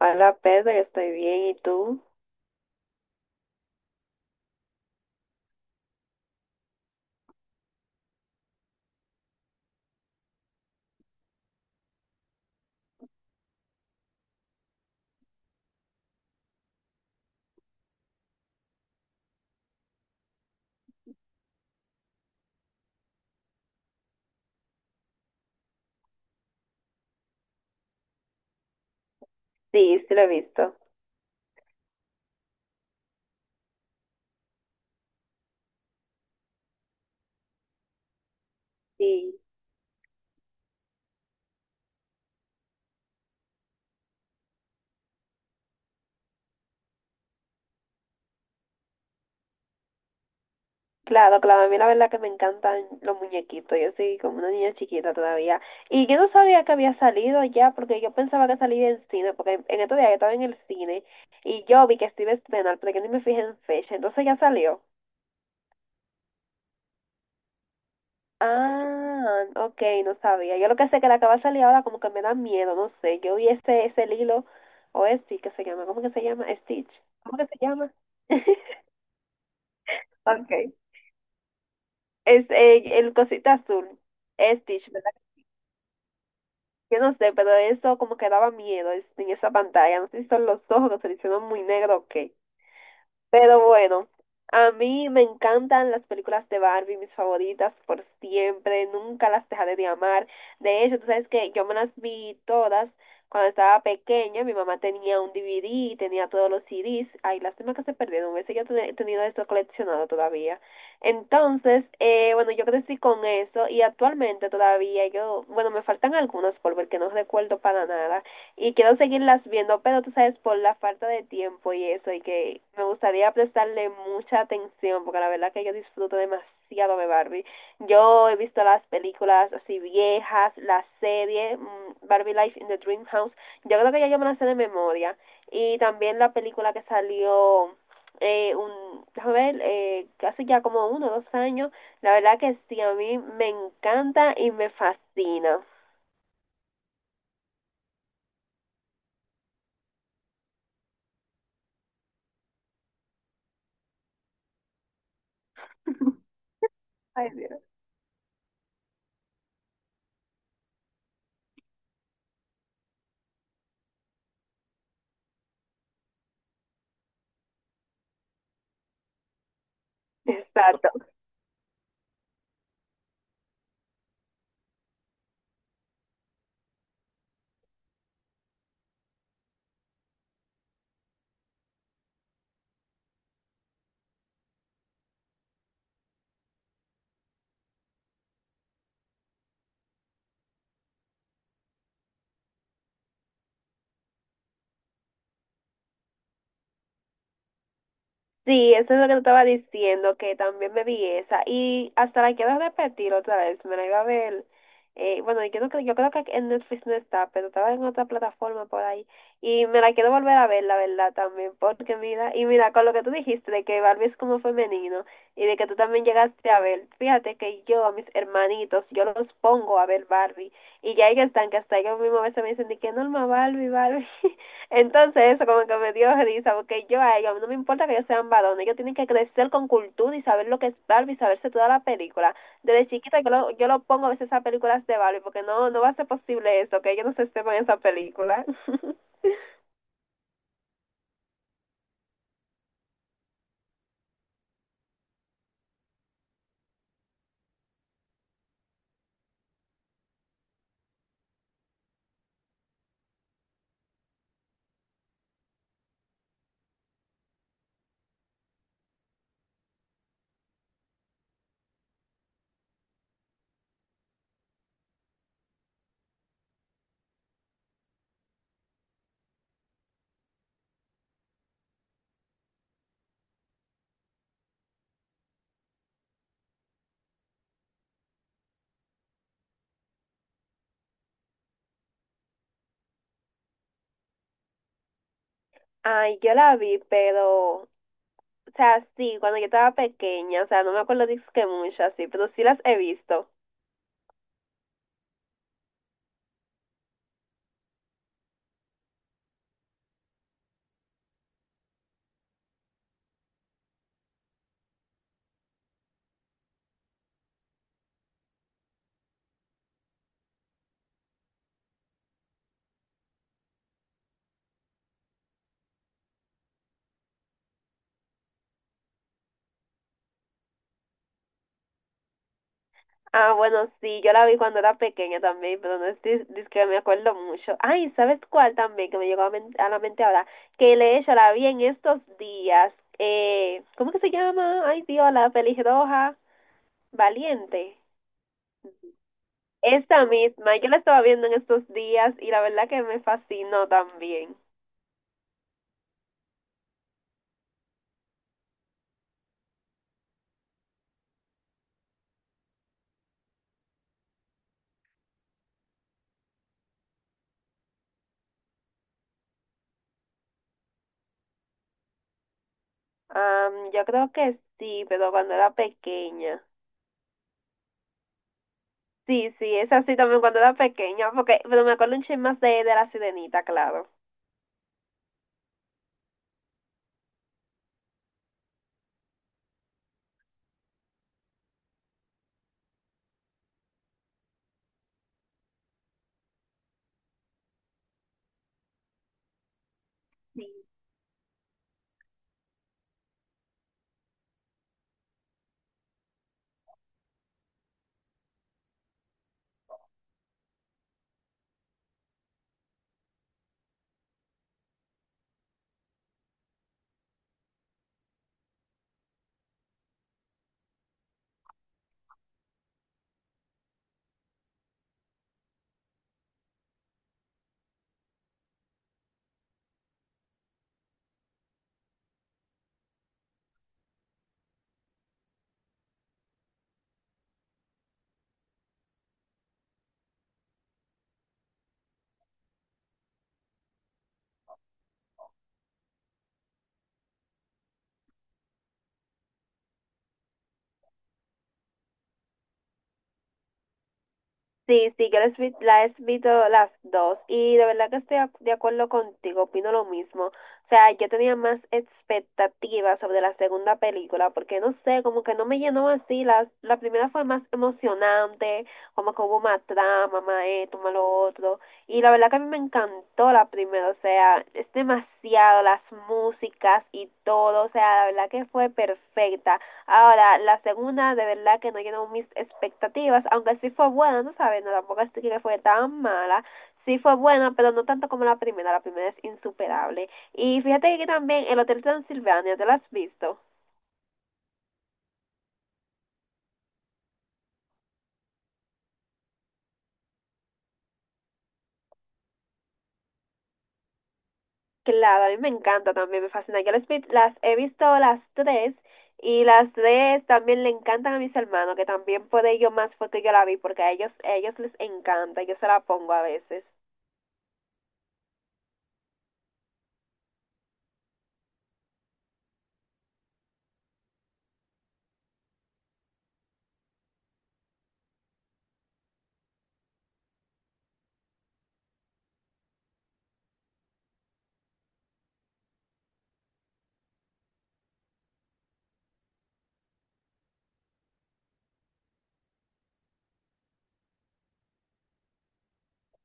Hola Pedro, yo estoy bien. ¿Y tú? Sí, sí lo he visto. Sí. Claro, claro, a mí la verdad que me encantan los muñequitos. Yo soy como una niña chiquita todavía. Y yo no sabía que había salido ya, porque yo pensaba que salía en cine, porque en estos días yo estaba en el cine y yo vi que se iba a estrenar, pero que ni me fijé en fecha. Entonces ya salió. Ah, ok, no sabía. Yo lo que sé que la que va a salir ahora como que me da miedo, no sé. Yo vi ese Lilo, o este que se llama, ¿cómo que se llama? Stitch. ¿Cómo que se llama? Ok. Es el cosita azul, Stitch, ¿verdad? Yo no sé, pero eso como que daba miedo en esa pantalla. No sé si son los ojos que se le hicieron muy negro o qué. Pero bueno, a mí me encantan las películas de Barbie, mis favoritas por siempre, nunca las dejaré de amar. De hecho, tú sabes que yo me las vi todas cuando estaba pequeña, mi mamá tenía un DVD, y tenía todos los CDs, ay, lástima que se perdieron, hubiese yo tenido eso coleccionado todavía. Entonces, bueno, yo crecí con eso y actualmente todavía yo, bueno, me faltan algunas por ver que no recuerdo para nada, y quiero seguirlas viendo, pero tú sabes, por la falta de tiempo y eso, y que me gustaría prestarle mucha atención, porque la verdad que yo disfruto demasiado de Barbie. Yo he visto las películas así viejas, la serie Barbie Life in the Dream House, yo creo que ya yo me la sé de memoria, y también la película que salió déjame ver, casi ya como uno o dos años, la verdad que sí, a mí me encanta y me fascina. Ay, Dios. Exacto. Sí, eso es lo que te estaba diciendo, que también me vi esa. Y hasta la quiero repetir otra vez, me la iba a ver. Yo creo que en Netflix no está, pero estaba en otra plataforma por ahí. Y me la quiero volver a ver, la verdad, también. Porque mira, y mira, con lo que tú dijiste de que Barbie es como femenino y de que tú también llegaste a ver, fíjate que yo a mis hermanitos, yo los pongo a ver Barbie. Y ya ellos están que hasta ellos mismos a veces me dicen de que norma Barbie, Barbie. Entonces, eso como que me dio risa, porque yo a ellos, no me importa que ellos sean varones, ellos tienen que crecer con cultura y saber lo que es Barbie, saberse toda la película. Desde chiquita yo lo pongo a veces a películas de Barbie, porque no, no va a ser posible eso, que ellos no se sepan esa película. Ay, yo la vi, pero, o sea, sí, cuando yo estaba pequeña, o sea, no me acuerdo disque mucho así, pero sí las he visto. Ah, bueno, sí, yo la vi cuando era pequeña también, pero no es, dis que me acuerdo mucho. Ay, ¿sabes cuál también que me llegó a, a la mente ahora? Que de hecho la vi en estos días. ¿Cómo que se llama? Ay, Dios, la pelirroja, Valiente. Esta misma, yo la estaba viendo en estos días y la verdad que me fascinó también. Yo creo que sí, pero cuando era pequeña. Sí, sí, es así también cuando era pequeña, porque, pero me acuerdo un chisme más de la sirenita, claro. Sí, sí, la he visto las dos y de verdad que estoy de acuerdo contigo, opino lo mismo. O sea, yo tenía más expectativas sobre la segunda película porque no sé, como que no me llenó así. La primera fue más emocionante, como que hubo más trama, más esto, más lo otro. Y la verdad que a mí me encantó la primera, o sea, es demasiado, las músicas y todo, o sea, la verdad que fue perfecta. Ahora, la segunda de verdad que no llenó mis expectativas, aunque sí fue buena, no sabes, no, tampoco es que fue tan mala, sí fue buena, pero no tanto como la primera es insuperable. Y fíjate que también el Hotel Transilvania, ¿te lo has visto? Claro, a mí me encanta también, me fascina. Yo las he visto las tres y las tres también le encantan a mis hermanos, que también por ello más foto yo la vi, porque a ellos les encanta, yo se la pongo a veces.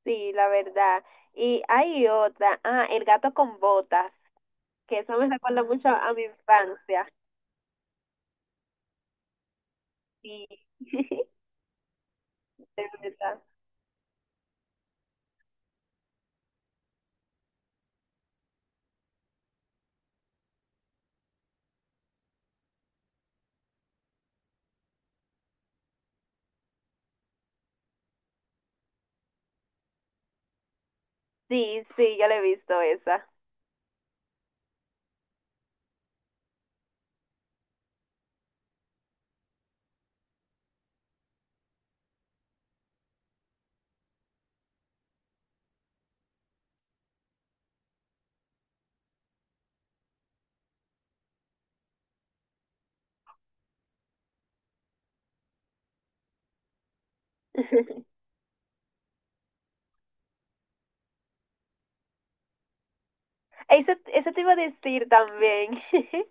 Sí, la verdad. Y hay otra, ah, el gato con botas, que eso me recuerda mucho a mi infancia. Sí, de verdad. Sí, sí, yo le he visto esa. Eso te iba a decir también.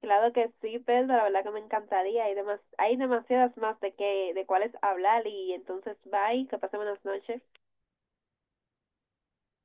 Claro que sí, Pedro, la verdad que me encantaría. Hay, hay demasiadas más de que, de cuáles hablar y entonces bye, que pasen buenas noches.